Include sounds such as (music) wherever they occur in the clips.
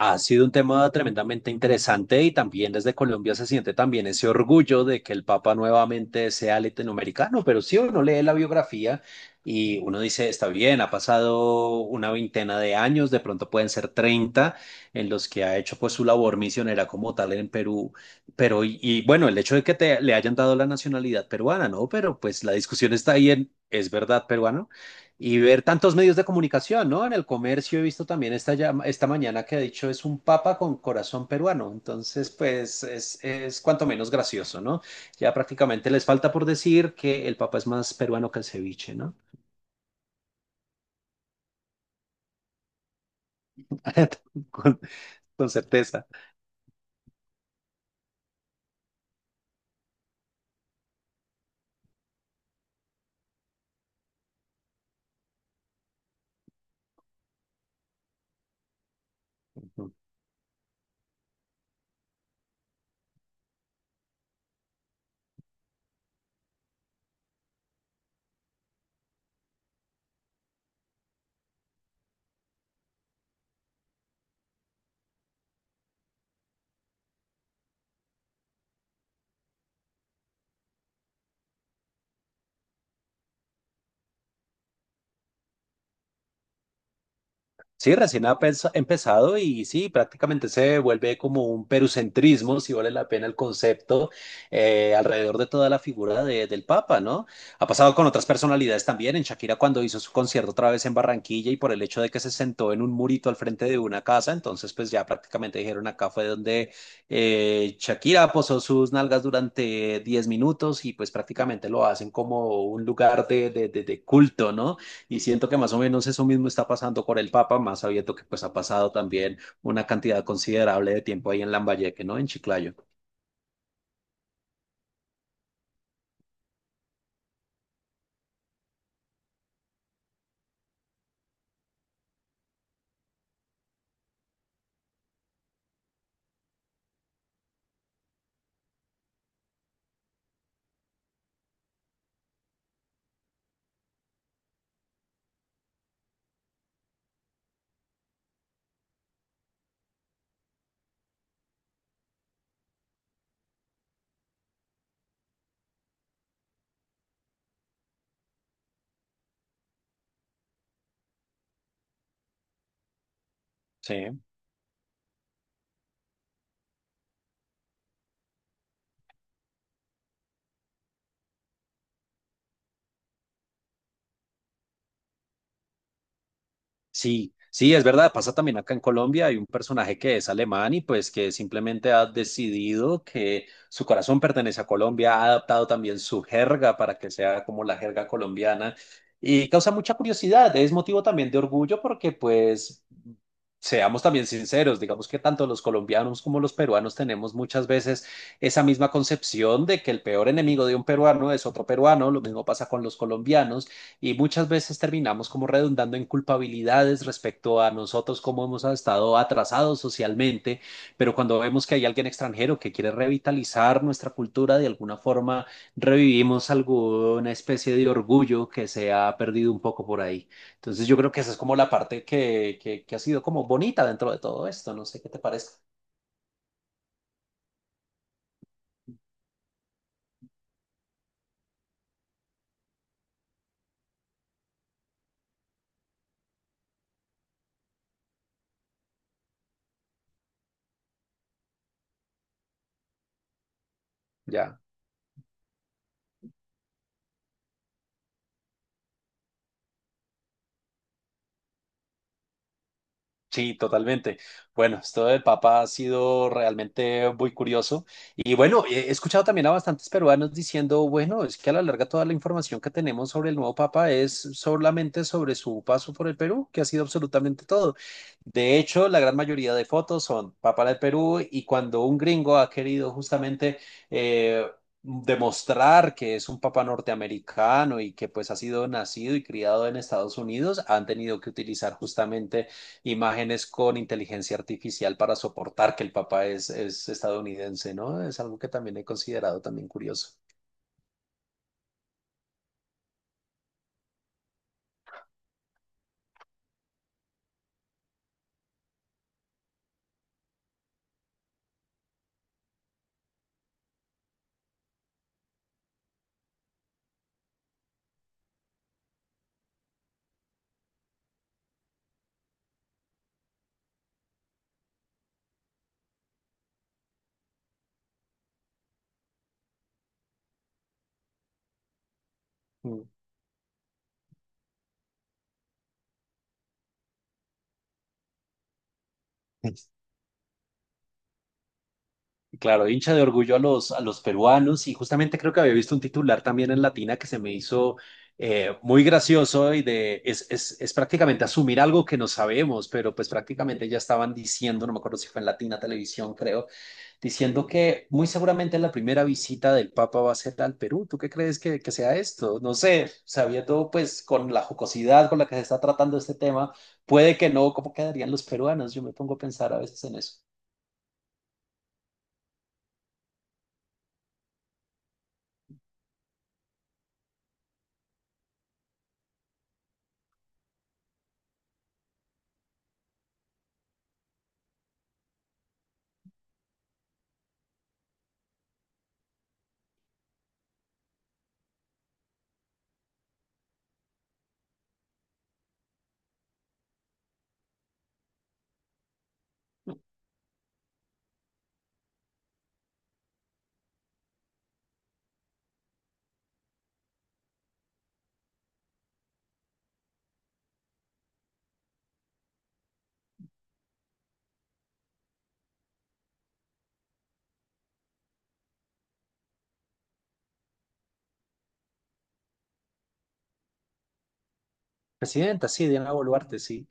Ha sido un tema tremendamente interesante y también desde Colombia se siente también ese orgullo de que el Papa nuevamente sea latinoamericano, pero sí uno lee la biografía y uno dice, está bien, ha pasado una veintena de años, de pronto pueden ser 30 en los que ha hecho pues su labor misionera como tal en Perú, pero y, bueno, el hecho de que le hayan dado la nacionalidad peruana, ¿no? Pero pues la discusión está ahí en, ¿es verdad peruano? Y ver tantos medios de comunicación, ¿no? En el comercio he visto también esta mañana que ha dicho es un papa con corazón peruano. Entonces, pues es cuanto menos gracioso, ¿no? Ya prácticamente les falta por decir que el papa es más peruano que el ceviche, ¿no? (laughs) Con, con certeza. Sí, recién empezado y sí, prácticamente se vuelve como un perucentrismo, si vale la pena el concepto, alrededor de toda la figura del Papa, ¿no? Ha pasado con otras personalidades también, en Shakira cuando hizo su concierto otra vez en Barranquilla y por el hecho de que se sentó en un murito al frente de una casa, entonces pues ya prácticamente dijeron acá fue donde Shakira posó sus nalgas durante 10 minutos y pues prácticamente lo hacen como un lugar de culto, ¿no? Y siento que más o menos eso mismo está pasando con el Papa, más sabiendo que pues ha pasado también una cantidad considerable de tiempo ahí en Lambayeque, ¿no? En Chiclayo. Sí. Sí, sí, es verdad, pasa también acá en Colombia, hay un personaje que es alemán y pues que simplemente ha decidido que su corazón pertenece a Colombia, ha adaptado también su jerga para que sea como la jerga colombiana y causa mucha curiosidad, es motivo también de orgullo porque pues seamos también sinceros, digamos que tanto los colombianos como los peruanos tenemos muchas veces esa misma concepción de que el peor enemigo de un peruano es otro peruano, lo mismo pasa con los colombianos y muchas veces terminamos como redundando en culpabilidades respecto a nosotros como hemos estado atrasados socialmente, pero cuando vemos que hay alguien extranjero que quiere revitalizar nuestra cultura, de alguna forma revivimos alguna especie de orgullo que se ha perdido un poco por ahí. Entonces yo creo que esa es como la parte que ha sido como bonita dentro de todo esto, no sé qué te parece. Ya. Sí, totalmente. Bueno, esto del Papa ha sido realmente muy curioso. Y bueno, he escuchado también a bastantes peruanos diciendo, bueno, es que a la larga toda la información que tenemos sobre el nuevo Papa es solamente sobre su paso por el Perú, que ha sido absolutamente todo. De hecho, la gran mayoría de fotos son Papa del Perú y cuando un gringo ha querido justamente... eh, demostrar que es un papa norteamericano y que pues ha sido nacido y criado en Estados Unidos, han tenido que utilizar justamente imágenes con inteligencia artificial para soportar que el papá es estadounidense, ¿no? Es algo que también he considerado también curioso. Mm. (laughs) Claro, hincha de orgullo a los peruanos y justamente creo que había visto un titular también en Latina que se me hizo muy gracioso y de, es prácticamente asumir algo que no sabemos, pero pues prácticamente ya estaban diciendo, no me acuerdo si fue en Latina Televisión, creo diciendo que muy seguramente la primera visita del Papa va a ser al Perú. ¿Tú qué crees que sea esto? No sé, sabiendo pues con la jocosidad con la que se está tratando este tema, puede que no, ¿cómo quedarían los peruanos? Yo me pongo a pensar a veces en eso. Presidenta, sí, Diana Boluarte, sí.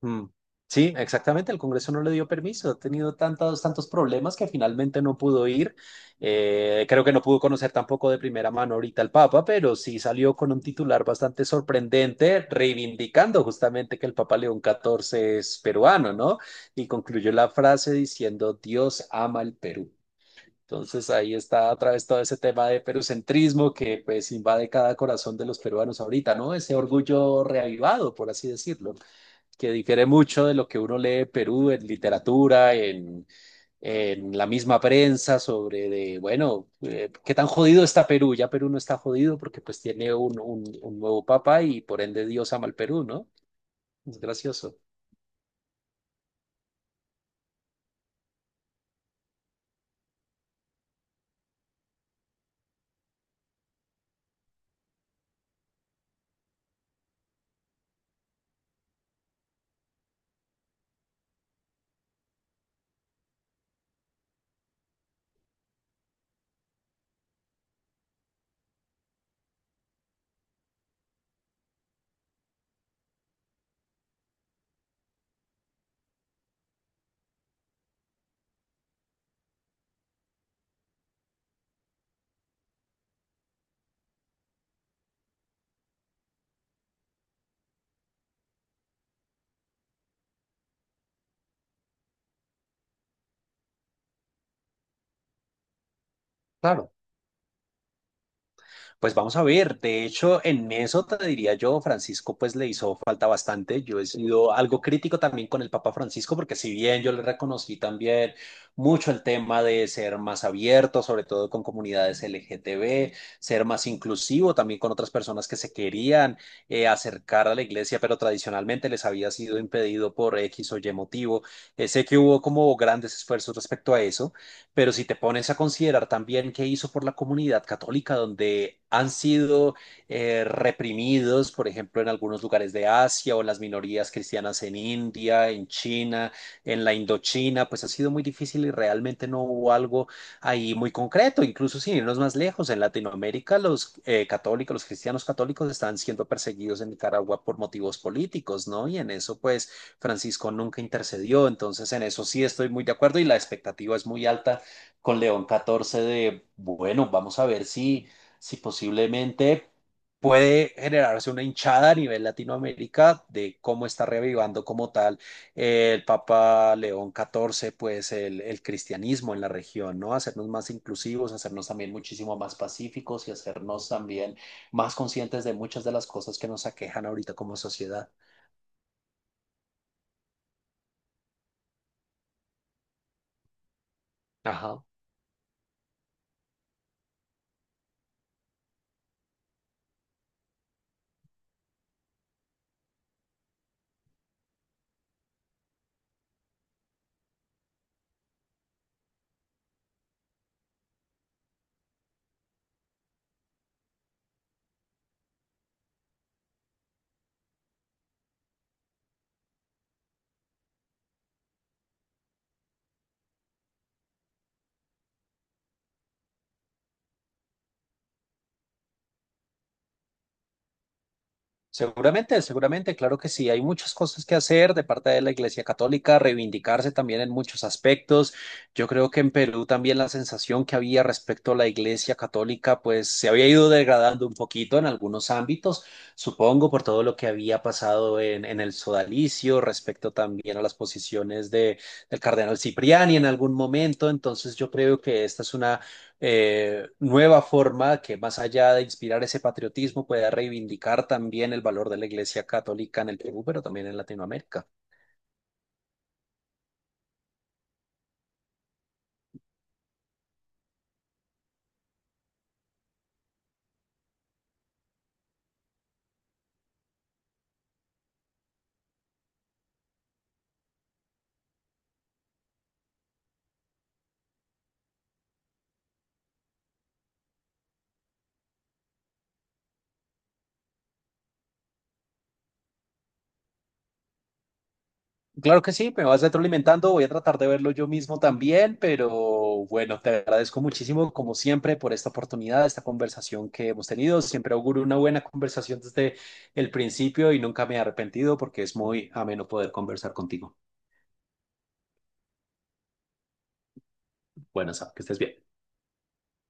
Mm. Sí, exactamente. El Congreso no le dio permiso. Ha tenido tantos, tantos problemas que finalmente no pudo ir. Creo que no pudo conocer tampoco de primera mano ahorita al Papa, pero sí salió con un titular bastante sorprendente, reivindicando justamente que el Papa León XIV es peruano, ¿no? Y concluyó la frase diciendo, Dios ama el Perú. Entonces ahí está otra vez todo ese tema de perucentrismo que pues invade cada corazón de los peruanos ahorita, ¿no? Ese orgullo reavivado, por así decirlo, que difiere mucho de lo que uno lee de Perú en literatura, en, la misma prensa, sobre de, bueno, qué tan jodido está Perú. Ya Perú no está jodido porque pues tiene un nuevo papa y por ende Dios ama al Perú, ¿no? Es gracioso. Claro. Pues vamos a ver, de hecho, en eso te diría yo, Francisco, pues le hizo falta bastante. Yo he sido algo crítico también con el Papa Francisco, porque si bien yo le reconocí también mucho el tema de ser más abierto, sobre todo con comunidades LGTB, ser más inclusivo también con otras personas que se querían acercar a la iglesia, pero tradicionalmente les había sido impedido por X o Y motivo. Sé que hubo como grandes esfuerzos respecto a eso. Pero si te pones a considerar también qué hizo por la comunidad católica, donde han sido reprimidos, por ejemplo, en algunos lugares de Asia o las minorías cristianas en India, en China, en la Indochina, pues ha sido muy difícil y realmente no hubo algo ahí muy concreto. Incluso sin irnos más lejos, en Latinoamérica los católicos, los cristianos católicos están siendo perseguidos en Nicaragua por motivos políticos, ¿no? Y en eso, pues, Francisco nunca intercedió. Entonces, en eso sí estoy muy de acuerdo y la expectativa es muy alta con León XIV de, bueno, vamos a ver si posiblemente puede generarse una hinchada a nivel Latinoamérica de cómo está revivando como tal, el Papa León XIV pues el cristianismo en la región, ¿no? Hacernos más inclusivos, hacernos también muchísimo más pacíficos y hacernos también más conscientes de muchas de las cosas que nos aquejan ahorita como sociedad. Ajá. Seguramente, seguramente, claro que sí. Hay muchas cosas que hacer de parte de la Iglesia Católica, reivindicarse también en muchos aspectos. Yo creo que en Perú también la sensación que había respecto a la Iglesia Católica, pues se había ido degradando un poquito en algunos ámbitos, supongo, por todo lo que había pasado en, el sodalicio, respecto también a las posiciones de, del cardenal Cipriani en algún momento. Entonces, yo creo que esta es una nueva forma que más allá de inspirar ese patriotismo pueda reivindicar también el valor de la Iglesia Católica en el Perú, pero también en Latinoamérica. Claro que sí, me vas retroalimentando, voy a tratar de verlo yo mismo también, pero bueno, te agradezco muchísimo como siempre por esta oportunidad, esta conversación que hemos tenido. Siempre auguro una buena conversación desde el principio y nunca me he arrepentido porque es muy ameno poder conversar contigo. Bueno, Sam, que estés bien.